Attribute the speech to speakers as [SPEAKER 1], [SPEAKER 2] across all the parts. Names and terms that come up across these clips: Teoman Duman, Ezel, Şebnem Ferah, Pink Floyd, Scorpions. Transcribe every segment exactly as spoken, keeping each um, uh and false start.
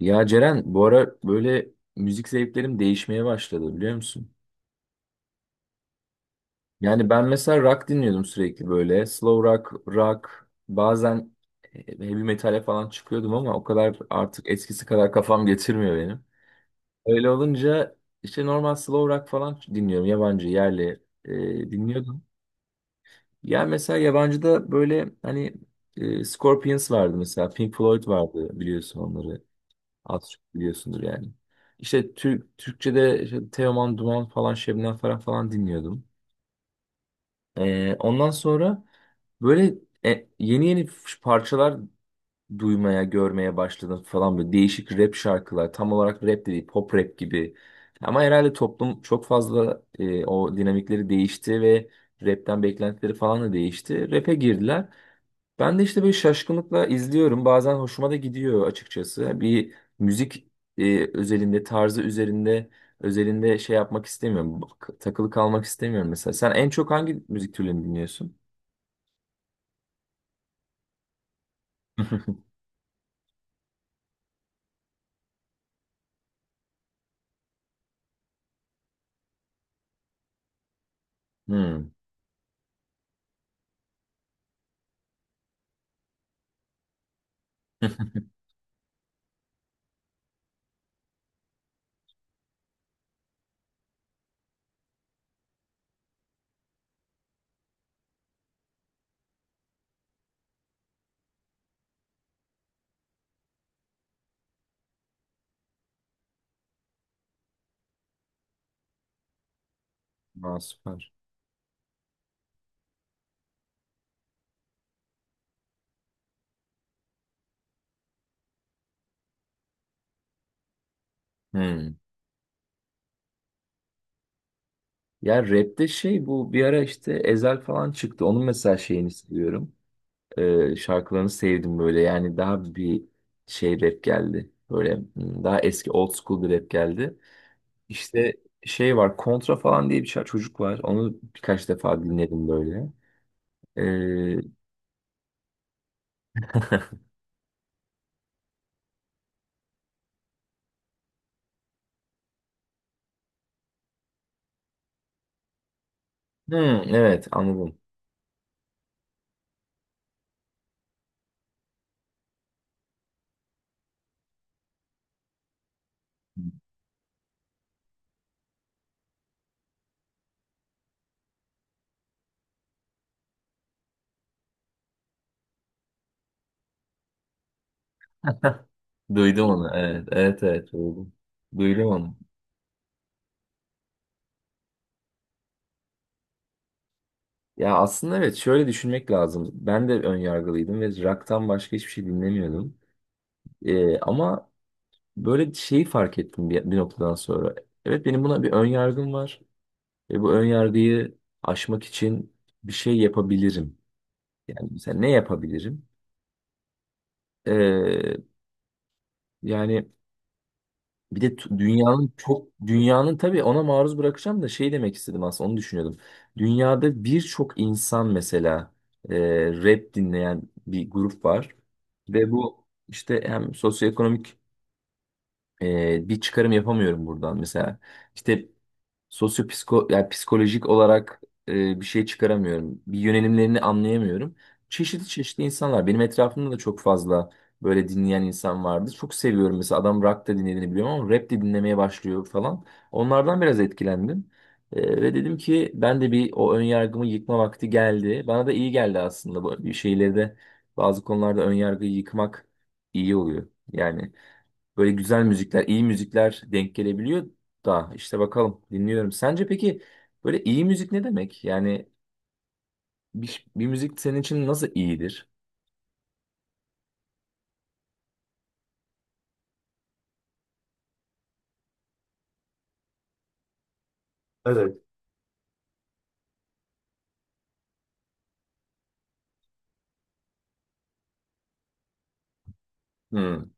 [SPEAKER 1] Ya Ceren bu ara böyle müzik zevklerim değişmeye başladı, biliyor musun? Yani ben mesela rock dinliyordum sürekli böyle. Slow rock, rock bazen e, heavy metale falan çıkıyordum, ama o kadar, artık eskisi kadar kafam getirmiyor benim. Öyle olunca işte normal slow rock falan dinliyorum. Yabancı, yerli e, dinliyordum. Yani mesela yabancıda böyle hani e, Scorpions vardı mesela. Pink Floyd vardı, biliyorsun onları. Az çok biliyorsundur yani. İşte Türk, Türkçe'de işte Teoman Duman falan, Şebnem Ferah falan dinliyordum. Ee, ondan sonra böyle e, yeni yeni f- parçalar duymaya, görmeye başladım falan, böyle değişik rap şarkılar. Tam olarak rap de değil, pop rap gibi. Ama herhalde toplum çok fazla e, o dinamikleri değişti ve rapten beklentileri falan da değişti. Rap'e girdiler. Ben de işte böyle şaşkınlıkla izliyorum. Bazen hoşuma da gidiyor açıkçası. Bir müzik e, özelinde, tarzı üzerinde, özelinde şey yapmak istemiyorum. Bak- Takılı kalmak istemiyorum mesela. Sen en çok hangi müzik türlerini dinliyorsun? Hmm. Aa, süper. Hmm. Ya rapte şey, bu bir ara işte Ezel falan çıktı. Onun mesela şeyini seviyorum. Ee, şarkılarını sevdim böyle. Yani daha bir şey rap geldi. Böyle hmm, daha eski, old school bir rap geldi. İşte şey var, kontra falan diye bir şey- çocuk var. Onu birkaç defa dinledim böyle. Ee, hmm, evet, anladım. Duydum onu. Evet, evet, evet, duydum. Duydum onu. Ya aslında evet, şöyle düşünmek lazım. Ben de ön yargılıydım ve rock'tan başka hiçbir şey dinlemiyordum. Ee, ama böyle şeyi fark ettim bir, bir noktadan sonra. Evet, benim buna bir ön yargım var. Ve bu ön yargıyı aşmak için bir şey yapabilirim. Yani mesela ne yapabilirim? Ee, Yani bir de t- dünyanın çok, dünyanın tabii ona maruz bırakacağım da şey demek istedim aslında, onu düşünüyordum. Dünyada birçok insan mesela e, rap dinleyen bir grup var ve bu işte hem sosyoekonomik e, bir çıkarım yapamıyorum buradan mesela. İşte sosyopsiko, yani psikolojik olarak e, bir şey çıkaramıyorum. Bir yönelimlerini anlayamıyorum. Çeşitli çeşitli insanlar. Benim etrafımda da çok fazla böyle dinleyen insan vardı. Çok seviyorum mesela, adam rock da dinlediğini biliyorum ama rap de dinlemeye başlıyor falan. Onlardan biraz etkilendim. E, ve dedim ki ben de bir o ön yargımı yıkma vakti geldi. Bana da iyi geldi aslında bu, bir şeyleri de, bazı konularda ön yargıyı yıkmak iyi oluyor. Yani böyle güzel müzikler, iyi müzikler denk gelebiliyor da işte bakalım, dinliyorum. Sence peki böyle iyi müzik ne demek? Yani bir, bir müzik senin için nasıl iyidir? Evet. Hmm.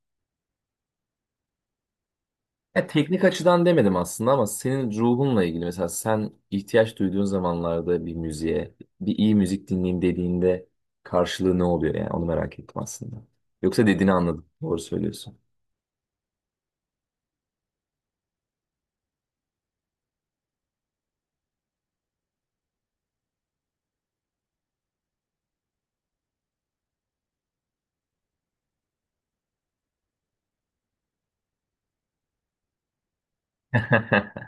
[SPEAKER 1] Ya teknik açıdan demedim aslında, ama senin ruhunla ilgili mesela, sen ihtiyaç duyduğun zamanlarda bir müziğe, bir iyi müzik dinleyeyim dediğinde karşılığı ne oluyor, yani onu merak ettim aslında. Yoksa dediğini anladım. Doğru söylüyorsun.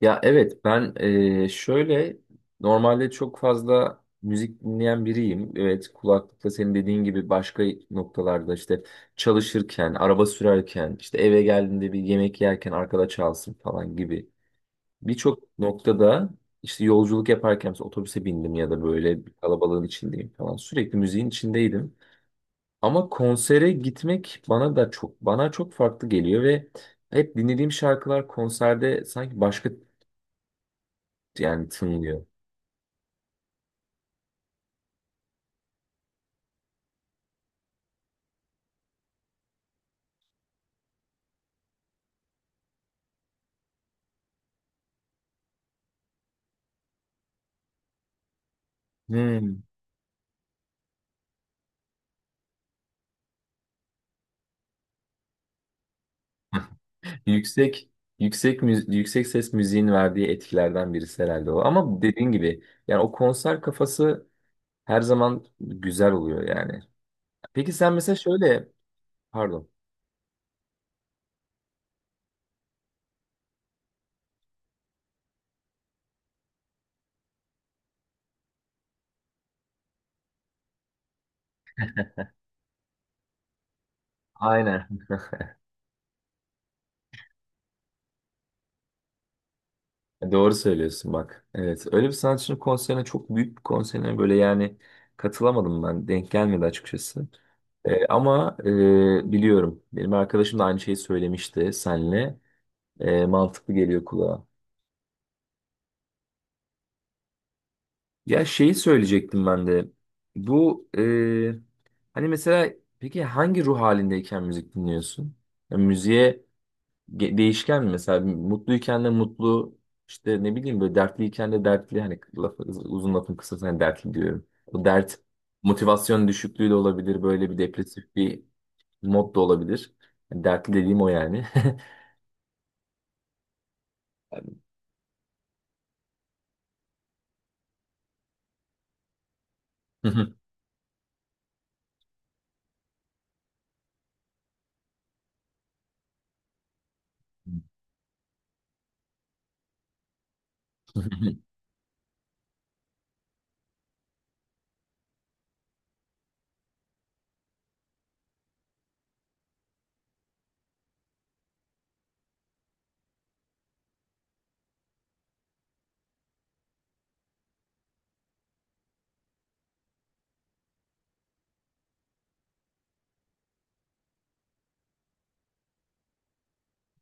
[SPEAKER 1] Ya evet, ben eee, şöyle normalde çok fazla müzik dinleyen biriyim. Evet, kulaklıkla senin dediğin gibi başka noktalarda, işte çalışırken, araba sürerken, işte eve geldiğinde bir yemek yerken arkada çalsın falan gibi. Birçok noktada işte yolculuk yaparken, mesela otobüse bindim ya da böyle bir kalabalığın içindeyim falan, sürekli müziğin içindeydim. Ama konsere gitmek bana da çok bana çok farklı geliyor ve hep dinlediğim şarkılar konserde sanki başka, yani tınlıyor. Hmm. Yüksek yüksek müzi- yüksek ses müziğin verdiği etkilerden birisi herhalde o. Ama dediğin gibi yani o konser kafası her zaman güzel oluyor yani. Peki sen mesela şöyle, pardon. Aynen. Doğru söylüyorsun bak. Evet. Öyle bir sanatçının konserine, çok büyük bir konserine böyle yani katılamadım ben. Denk gelmedi açıkçası. Ee, ama e, biliyorum. Benim arkadaşım da aynı şeyi söylemişti senle. E, mantıklı geliyor kulağa. Ya şeyi söyleyecektim ben de. Bu eee, hani mesela, peki hangi ruh halindeyken müzik dinliyorsun? Ya müziğe ge- değişken mi? Mesela mutluyken de mutlu, işte ne bileyim, böyle dertliyken de dertli, hani lafı, uzun lafın kısası hani dertli diyorum. Bu dert motivasyon düşüklüğü de olabilir, böyle bir depresif bir mod da olabilir. Yani dertli dediğim o yani.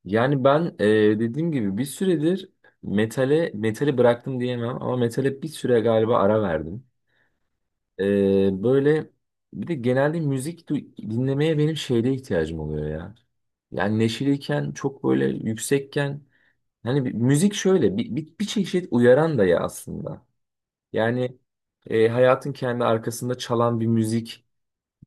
[SPEAKER 1] Yani ben e, dediğim gibi bir süredir metale metali bıraktım diyemem ama metale bir süre galiba ara verdim. E, böyle bir de genelde müzik du- dinlemeye benim şeyde ihtiyacım oluyor ya. Yani neşeliyken çok böyle yüksekken, hani bir- müzik şöyle bir, bir, bir çeşit uyaran da ya aslında. Yani e, hayatın kendi arkasında çalan bir müzik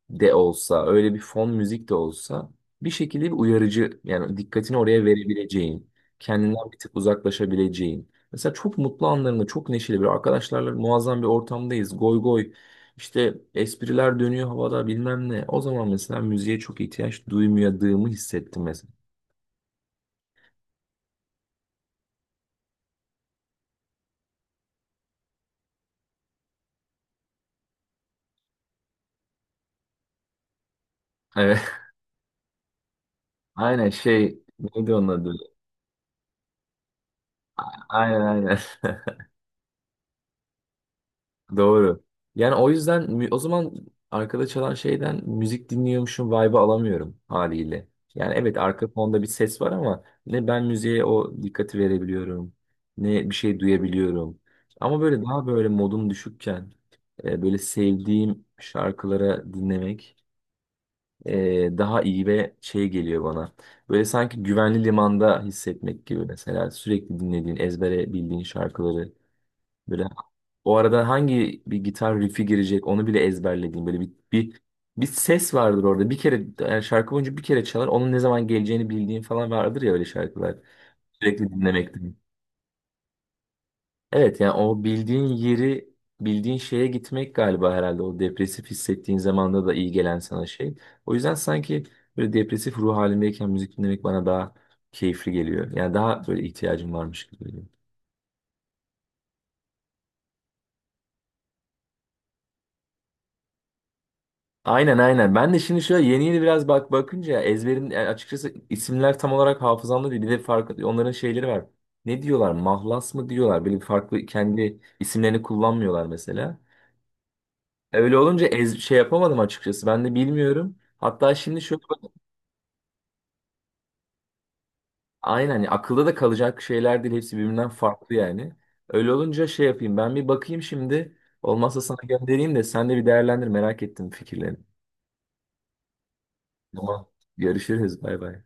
[SPEAKER 1] de olsa, öyle bir fon müzik de olsa, bir şekilde bir uyarıcı, yani dikkatini oraya verebileceğin, kendinden bir tık uzaklaşabileceğin. Mesela çok mutlu anlarında, çok neşeli, bir arkadaşlarla muazzam bir ortamdayız. Goy goy işte, espriler dönüyor havada, bilmem ne. O zaman mesela müziğe çok ihtiyaç duymadığımı hissettim mesela. Evet. Aynen, şey neydi onun adı? Aynen, aynen. Doğru. Yani o yüzden mü- o zaman arkada çalan şeyden müzik dinliyormuşum, vibe'ı alamıyorum haliyle. Yani evet, arka fonda bir ses var ama ne ben müziğe o dikkati verebiliyorum ne bir şey duyabiliyorum. Ama böyle daha, böyle modum düşükken e, böyle sevdiğim şarkılara dinlemek e, daha iyi ve şey geliyor bana. Böyle sanki güvenli limanda hissetmek gibi, mesela sürekli dinlediğin, ezbere bildiğin şarkıları böyle, o arada hangi bir gitar riff'i girecek onu bile ezberlediğim, böyle bir, bir bir ses vardır orada. Bir kere yani, şarkı boyunca bir kere çalar. Onun ne zaman geleceğini bildiğin falan vardır ya, öyle şarkılar. Sürekli dinlemekten. Evet, yani o bildiğin yeri, bildiğin şeye gitmek galiba, herhalde o depresif hissettiğin zamanda da iyi gelen sana şey. O yüzden sanki böyle depresif ruh halindeyken müzik dinlemek bana daha keyifli geliyor. Yani daha böyle ihtiyacım varmış gibi geliyor. Aynen, aynen. Ben de şimdi şöyle yeni yeni biraz bak, bakınca ezberin, yani açıkçası isimler tam olarak hafızamda değil. Bir de farklı onların şeyleri var. Ne diyorlar? Mahlas mı diyorlar? Böyle bir farklı, kendi isimlerini kullanmıyorlar mesela. Öyle olunca ez, şey yapamadım açıkçası. Ben de bilmiyorum. Hatta şimdi şöyle bak, aynen hani akılda da kalacak şeyler değil. Hepsi birbirinden farklı yani. Öyle olunca şey yapayım. Ben bir bakayım şimdi. Olmazsa sana göndereyim de sen de bir değerlendir. Merak ettim fikirlerini. Tamam. Görüşürüz. Bay bay.